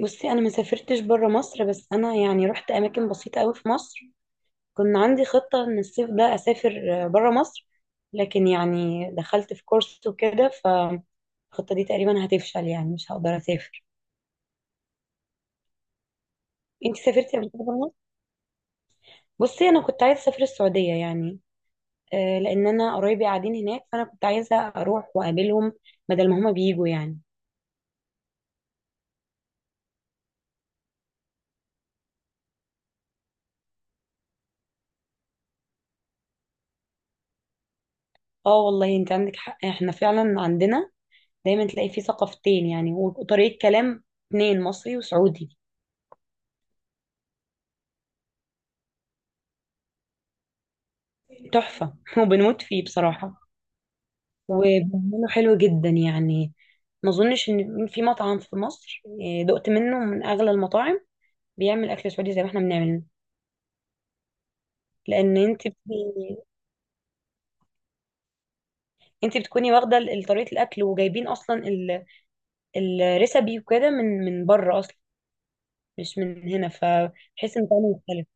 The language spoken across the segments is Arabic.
بصي، انا ما سافرتش بره مصر، بس انا يعني رحت اماكن بسيطه قوي في مصر. كنا عندي خطه ان الصيف ده اسافر بره مصر، لكن يعني دخلت في كورس وكده فالخطه دي تقريبا هتفشل، يعني مش هقدر اسافر. انت سافرتي قبل كده بره مصر؟ بصي، انا كنت عايزه اسافر السعوديه يعني. لان انا قرايبي قاعدين هناك، فانا كنت عايزه اروح واقابلهم، بدل ما هما بيجوا يعني. اه، والله انت عندك حق، احنا فعلا عندنا. دايما تلاقي في ثقافتين يعني، وطريقه كلام اتنين، مصري وسعودي. تحفة وبنموت فيه بصراحة. وبنعمله حلو جدا يعني. ما اظنش ان في مطعم في مصر، دقت منه من اغلى المطاعم، بيعمل اكل سعودي زي ما احنا بنعمل. لان انت بتبقي- انت بتكوني واخده طريقه الاكل، وجايبين اصلا الريسبي وكده من بره اصلا، مش من هنا، فبحس ان طعمه مختلف.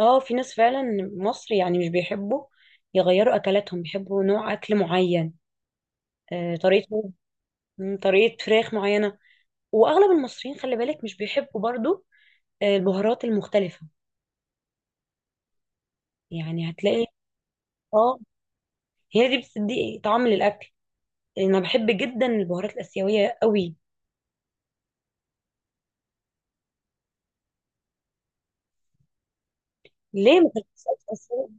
اه، في ناس فعلا مصر يعني مش بيحبوا يغيروا اكلاتهم، بيحبوا نوع اكل معين. آه، طريقه طريقه فراخ معينه. واغلب المصريين خلي بالك مش بيحبوا برضو البهارات المختلفه. يعني هتلاقي. اه. هي دي بتدي طعم للاكل. انا بحب جدا البهارات الاسيويه قوي. ليه، ما كانتش آسيوية؟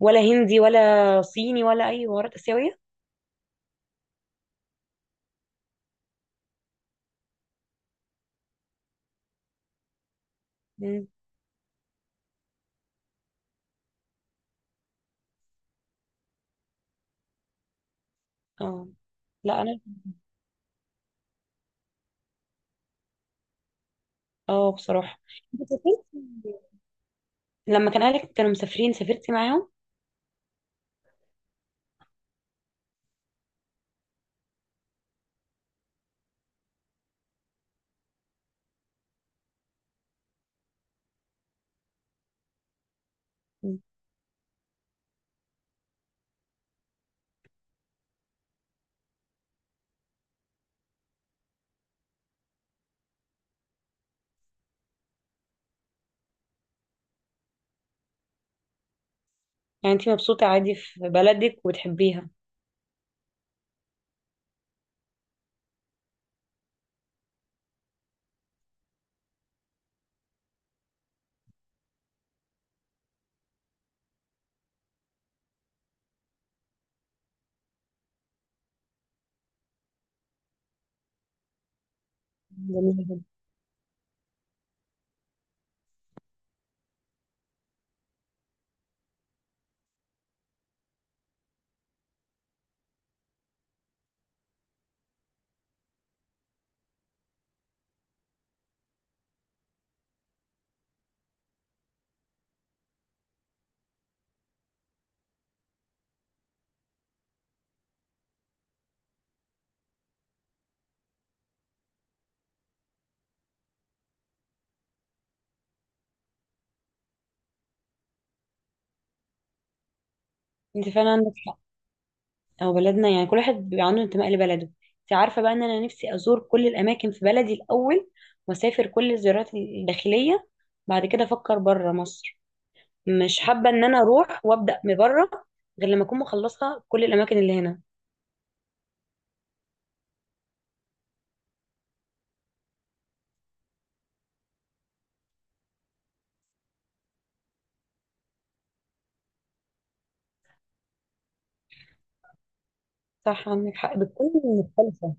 ولا هندي ولا صيني ولا اي بهارات اسيويه. مم. اه. لا، انا. اه، بصراحه، انت سافرتي لما كان اهلك كانوا مسافرين؟ سافرتي معاهم؟ مم. يعني انت مبسوطه عادي في بلدك وتحبيها. جميل جدا. انت فعلا عندك حق. او بلدنا يعني، كل واحد بيبقى عنده انتماء لبلده. انت عارفه بقى ان انا نفسي ازور كل الاماكن في بلدي الاول، واسافر كل الزيارات الداخليه، بعد كده افكر بره مصر. مش حابه ان انا اروح وابدا من بره، غير لما اكون مخلصه كل الاماكن اللي هنا. صح، عندك حق، بتكون مختلفه.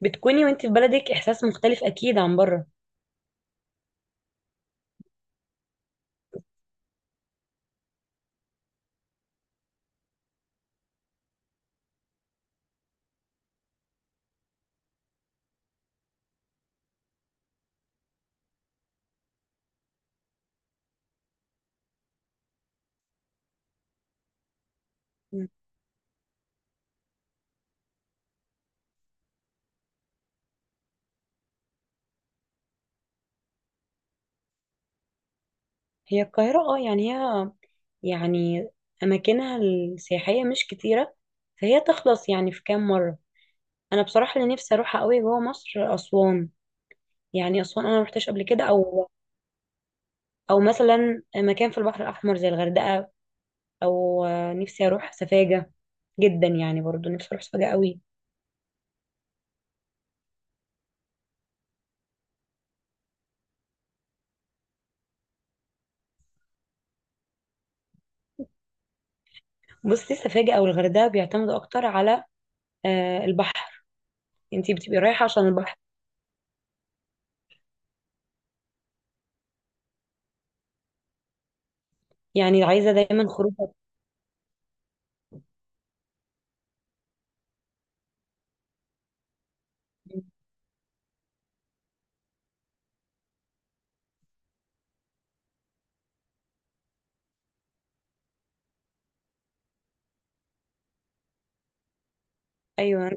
بتكوني وانت في بلدك احساس مختلف اكيد عن بره. م. هي القاهره، اه، يعني هي، يعني اماكنها السياحيه مش كتيره، فهي تخلص يعني في كام مره. انا بصراحه اللي نفسي اروحها قوي جوه مصر اسوان. يعني اسوان انا ما رحتش قبل كده، او مثلا مكان في البحر الاحمر زي الغردقه، او نفسي اروح سفاجه جدا يعني. برضو نفسي اروح سفاجه قوي. بصي، سفاجه او الغردقه بيعتمدوا اكتر على البحر. انتي بتبقي رايحه عشان البحر، يعني عايزه دايما خروج. ايوه.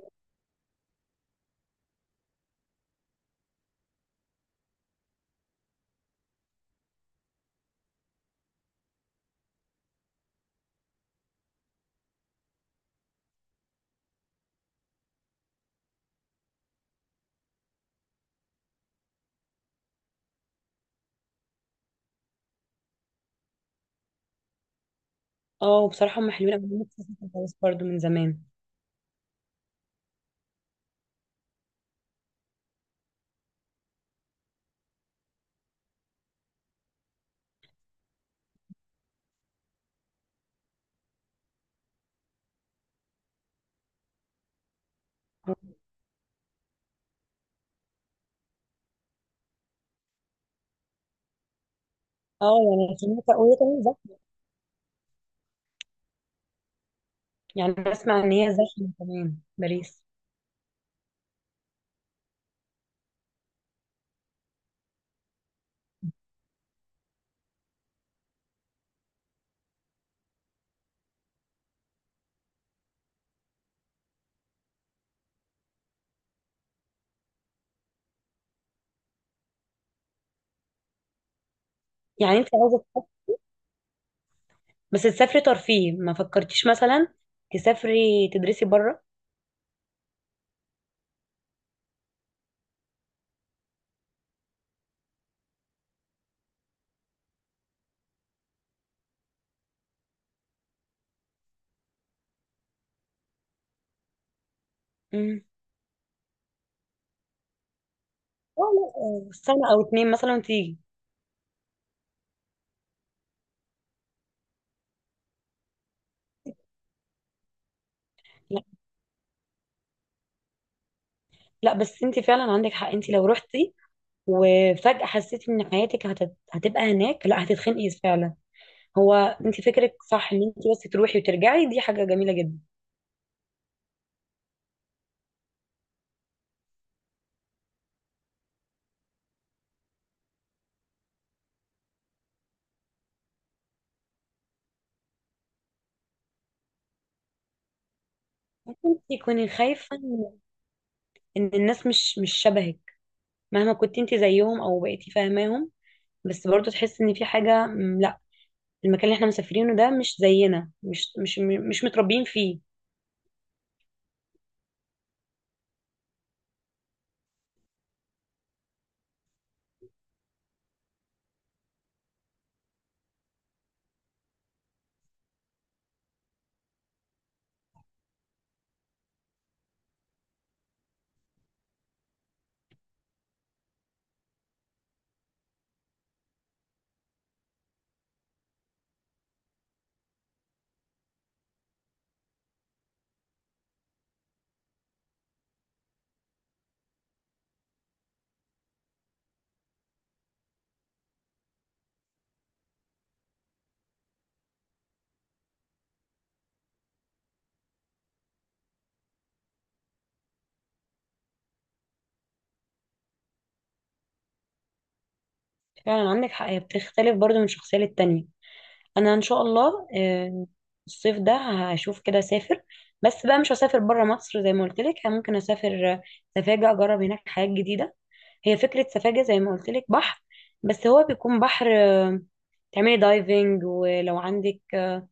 اه، بصراحه هم حلوين أوي. نفسي أسافر خالص برضو من زمان. اه، يعني سمعت وهي كمان زحمه. يعني بسمع ان هي زحمه كمان باريس. يعني انت عايزه بس تسافري ترفيه؟ ما فكرتيش مثلا تسافري تدرسي بره؟ امم. لا، لا، سنة او اتنين مثلا وتيجي. لا، لا، بس انت فعلا عندك حق. انت لو رحتي وفجأة حسيتي ان حياتك هتبقى هناك، لا هتتخنقي فعلا. هو انت فكرك صح ان انت بس تروحي وترجعي، دي حاجة جميلة جدا. انت كوني خايفة إن الناس مش شبهك، مهما كنت انت زيهم او بقيتي فاهماهم، بس برضه تحس ان في حاجة. لا، المكان اللي احنا مسافرينه ده مش زينا، مش متربيين فيه. فعلا عندك حق، هي بتختلف برضو من شخصية للتانية. انا ان شاء الله الصيف ده هشوف كده اسافر. بس بقى مش هسافر بره مصر زي ما قلت لك. ممكن اسافر سفاجة، اجرب هناك حاجات جديدة. هي فكرة سفاجة زي ما قلت لك بحر، بس هو بيكون بحر تعملي دايفنج، ولو عندك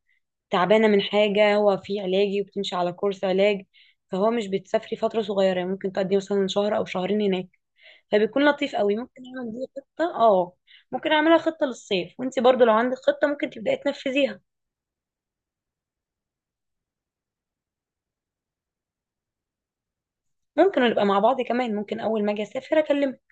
تعبانة من حاجة هو فيه علاجي وبتمشي على كورس علاج. فهو مش بتسافري فترة صغيرة، يعني ممكن تقضي مثلا شهر او شهرين هناك، فبيكون لطيف قوي. ممكن اعمل دي خطة. اه، ممكن اعملها خطة للصيف، وانت برضو لو عندك خطة ممكن تبداي تنفذيها. ممكن نبقى مع بعض كمان، ممكن اول ما اجي اسافر اكلمك.